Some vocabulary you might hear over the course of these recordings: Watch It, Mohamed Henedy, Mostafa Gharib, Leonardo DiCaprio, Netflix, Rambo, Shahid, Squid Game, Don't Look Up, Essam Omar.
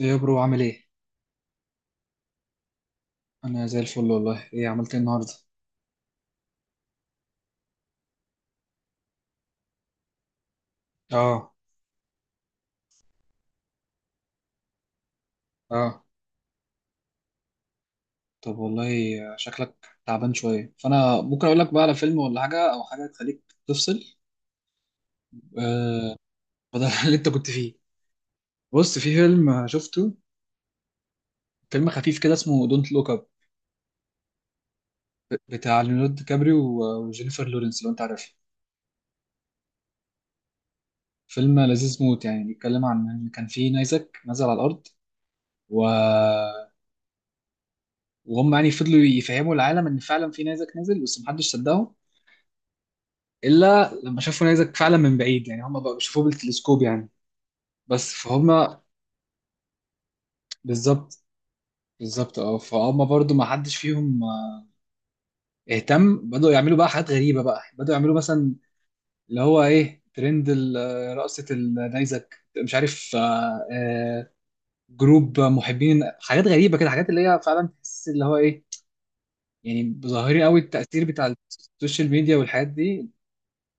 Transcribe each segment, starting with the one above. ايه يا برو، عامل ايه؟ انا زي الفل والله. ايه عملت ايه النهارده؟ اه. اه. طب والله، شكلك تعبان شوية، فانا ممكن اقول لك بقى على فيلم ولا حاجة، او حاجة تخليك تفصل. آه، بدل اللي انت كنت فيه. بص، في فيلم شفته، فيلم خفيف كده اسمه دونت لوك اب، بتاع ليوناردو دي كابريو وجينيفر لورنس، لو انت عارفها. فيلم لذيذ موت يعني، بيتكلم عن ان كان في نيزك نزل على الارض و... وهم يعني فضلوا يفهموا العالم ان فعلا في نيزك نزل، بس محدش صدقهم الا لما شافوا نيزك فعلا من بعيد، يعني هم بقى بيشوفوه بالتلسكوب يعني. بس فهم. بالظبط. بالظبط، اه، فهم برضو ما حدش فيهم اهتم، بدأوا يعملوا بقى حاجات غريبة، بقى بدأوا يعملوا مثلا اللي هو ايه، ترند رقصة النيزك، مش عارف، جروب محبين حاجات غريبة كده، حاجات اللي هي فعلا تحس اللي هو ايه، يعني ظاهرين قوي التأثير بتاع السوشيال ميديا والحاجات دي،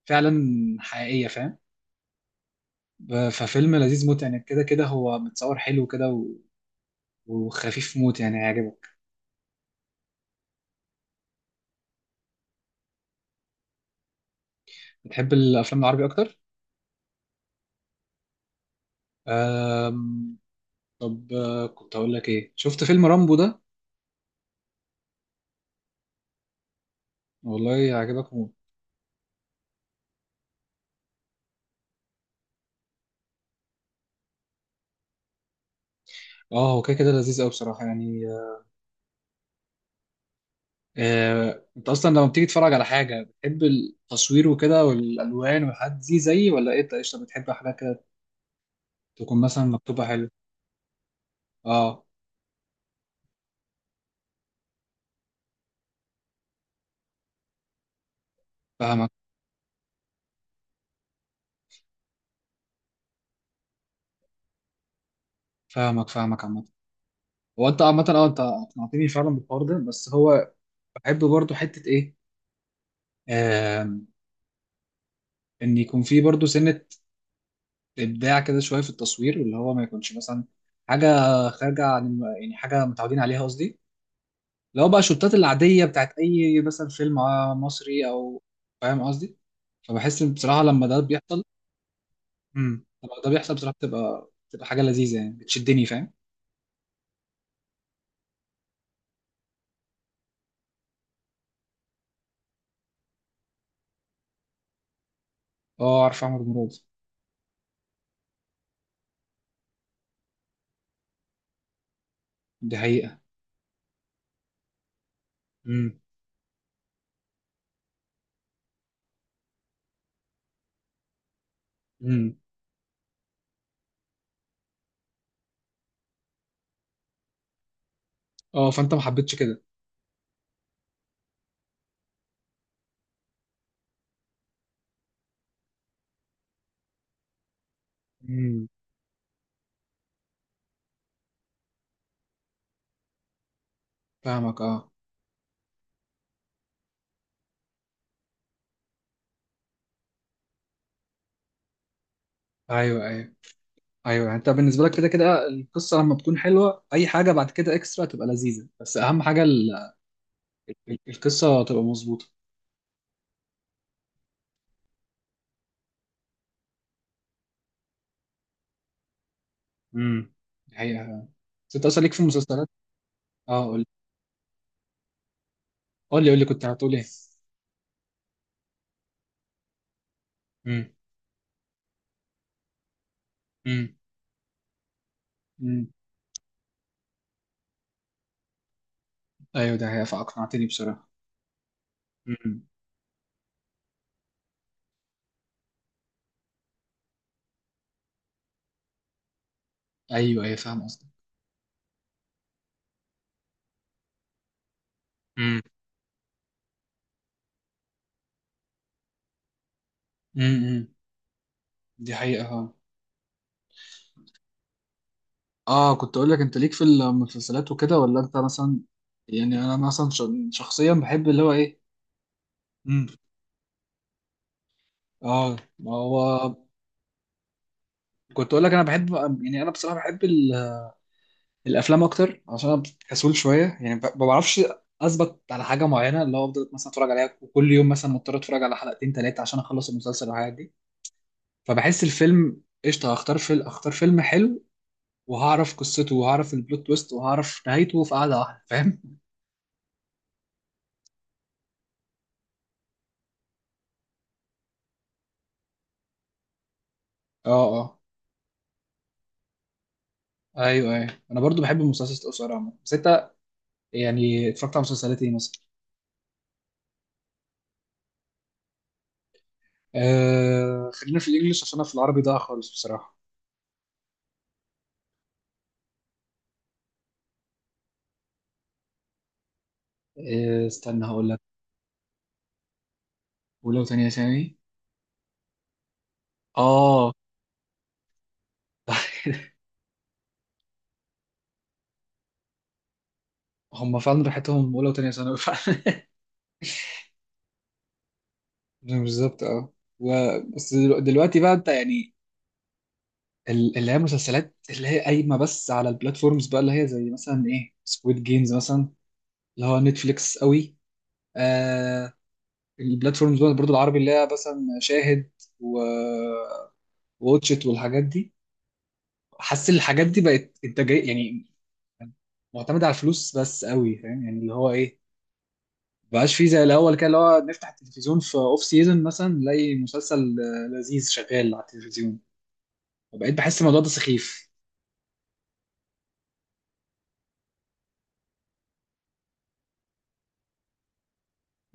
فعلا حقيقية، فاهم. ففيلم لذيذ موت يعني، كده كده هو متصور حلو كده، وخفيف موت يعني، هيعجبك. بتحب الافلام العربي اكتر. أم... طب كنت اقول لك ايه، شفت فيلم رامبو ده؟ والله هيعجبك موت. اه، هو كده كده لذيذ قوي بصراحه يعني. انت اصلا لما بتيجي تتفرج على حاجه بتحب التصوير وكده والالوان والحاجات دي زيي، ولا ايه؟ انت قشطه بتحب حاجات كده تكون مثلا مكتوبه حلو. اه. فاهمك، فاهمك، فاهمك عامه. هو انت عامه، اه، انت اقنعتني فعلا بالحوار ده، بس هو بحب برضو حته ايه، آم، ان يكون في برضو سنه ابداع كده شويه في التصوير، اللي هو ما يكونش مثلا حاجه خارجه عن يعني حاجه متعودين عليها قصدي، اللي هو بقى الشوتات العاديه بتاعت اي مثلا فيلم مصري او، فاهم قصدي. فبحس ان بصراحه لما ده بيحصل بصراحه بتبقى حاجه لذيذه يعني، بتشدني فاهم. اه، عارف عمر مراد. دي حقيقه. امم امم اه، فانت ما حبيتش كده. امم فاهمك، اه، ايوه ايوه. ايوه، يعني انت بالنسبه لك كده كده القصه لما بتكون حلوه، اي حاجه بعد كده اكسترا تبقى لذيذه، بس اهم حاجه القصة تبقى مظبوطة. امم الحقيقة. بس انت اصلا ليك في المسلسلات؟ اه، قول لي، قول لي. قول لي كنت هتقول ايه. امم امم امم، ايوه، ده هي فاقنعتني بصراحة. امم، ايوه ايوه، فاهم قصدك. امم امم دي حقيقة، اه. اه، كنت اقول لك انت ليك في المسلسلات وكده، ولا انت مثلا، يعني انا مثلا شخصيا بحب اللي هو ايه، امم، اه، ما هو كنت اقول لك انا بحب، يعني انا بصراحة بحب الافلام اكتر عشان انا كسول شويه يعني، ما بعرفش اثبت على حاجه معينه، اللي هو افضل مثلا اتفرج عليها وكل يوم مثلا مضطر اتفرج على حلقتين ثلاثه عشان اخلص المسلسل والحاجات دي، فبحس الفيلم قشطه، هختار فيلم، اختار فيلم حلو وهعرف قصته وهعرف البلوت تويست وهعرف نهايته في قعده واحده، فاهم؟ اه، اه. ايوه ايوه، انا برضو بحب المسلسلات القصيره عموما، بس انت يعني اتفرجت على مسلسلات ايه مثلا؟ خلينا في الانجليش، عشان انا في العربي ضايع خالص بصراحه. استنى هقول لك. ولو تانية ثاني، اه. هم فعلا راحتهم اولى وتانية ثانوي فعلا. بالظبط، اه. و... بس دلوقتي بقى انت يعني اللي هي مسلسلات اللي هي قايمه بس على البلاتفورمز بقى، اللي هي زي مثلا ايه، سكويد جيمز مثلا اللي هو نتفليكس قوي. آه البلاتفورمز بقى برضو العربي اللي هي مثلا شاهد و واتشت والحاجات دي. حاسس ان الحاجات دي بقت انتاجيه يعني، معتمده على الفلوس بس قوي، فاهم يعني اللي هو ايه، مبقاش فيه زي الاول كده اللي هو نفتح التلفزيون في اوف سيزون مثلا نلاقي مسلسل لذيذ شغال على التلفزيون، وبقيت بحس الموضوع ده سخيف.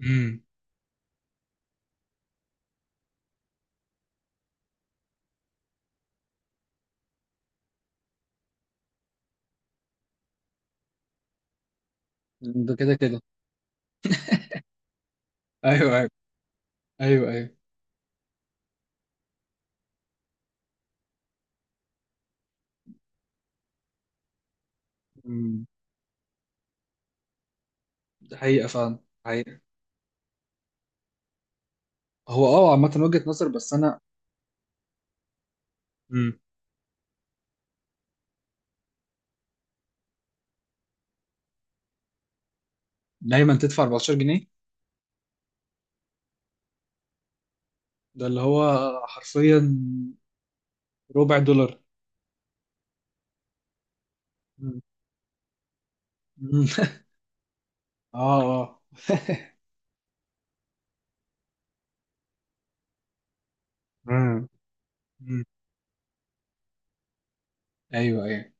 امم ده كده كده. ايوه ايوه، ايوه ايوه. أمم، ده حقيقه فعلا، حقيقه. هو، اه، عامه وجهه نظر، بس انا. أمم، دايما تدفع 14 جنيه. ده اللي هو حرفيا ربع دولار. أمم، أمم. اه، اه. أمم، أمم. ايوه ايوه.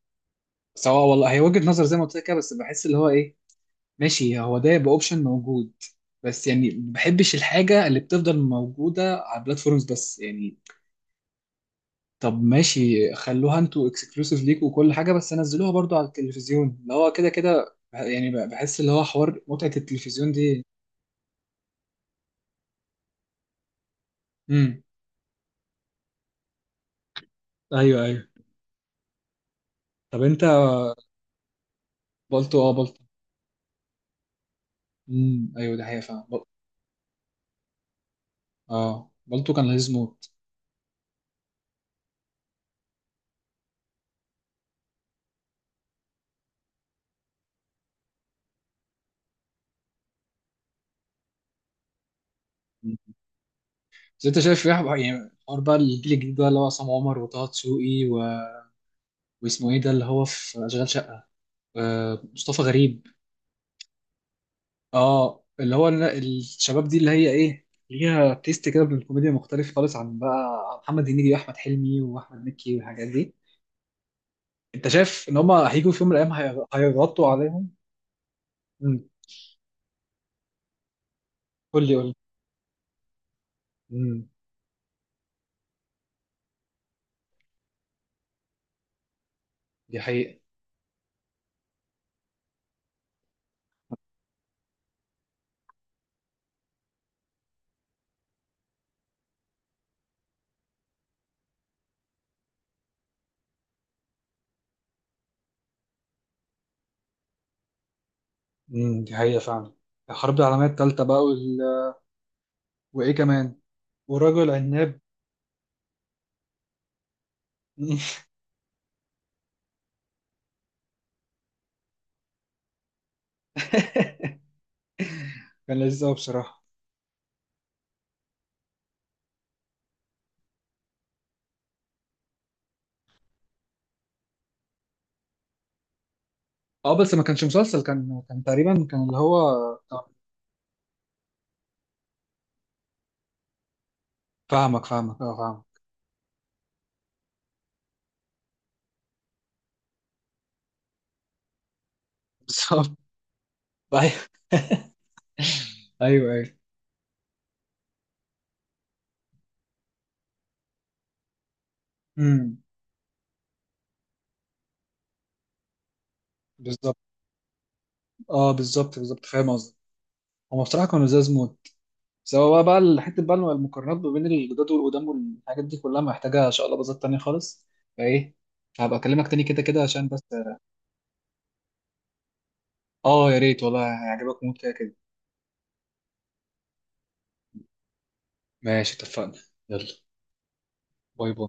بس هو والله هي وجهه نظر زي ما قلت لك كده، بس بحس اللي هو ايه، ماشي، هو ده يبقى اوبشن موجود، بس يعني ما بحبش الحاجه اللي بتفضل موجوده على البلاتفورمز بس يعني. طب ماشي، خلوها انتوا اكسكلوسيف ليكوا وكل حاجه، بس نزلوها برضو على التلفزيون، اللي هو كده كده بحس اللي هو حوار متعه التلفزيون دي. امم، ايوه ايوه. طب انت بلطو، اه، بلطو. امم، ايوه، ده حقيقه فعلا، اه، بلطو كان لذيذ موت. مم. بس انت شايف ايه، يعني حوار بقى الجيل الجديد بقى، اللي هو عصام عمر وطه دسوقي واسمه ايه ده اللي هو في اشغال شقه، مصطفى غريب. اه، اللي هو الشباب دي، اللي هي ايه، ليها تيست كده من الكوميديا مختلف خالص عن بقى عن محمد هنيدي واحمد حلمي واحمد مكي والحاجات دي. انت شايف ان هم هيجوا في يوم من الايام هيغطوا عليهم؟ امم قول لي، قول لي. امم دي حقيقة. دي حقيقة فعلا. الحرب العالمية الثالثة بقى وايه كمان؟ ورجل عناب. كان لذيذ قوي بصراحة. اه، بس ما كانش مسلسل، كان تقريبا، كان اللي هو. فاهمك، فاهمك، اه، فاهمك. بالظبط. أيوة. ايوه ايوه. امم بالظبط، اه، بالظبط بالظبط فاهم قصدي. هم بصراحه كانوا لزاز موت، سواء بقى الحته بقى المقارنات ما بين الجداد والقدام والحاجات دي كلها، محتاجه ان شاء الله بازات تانية خالص. فايه، هبقى اكلمك تاني كده كده عشان بس. اه، يا ريت والله، هيعجبك موت كده كده. ماشي، اتفقنا. يلا. باي، باي.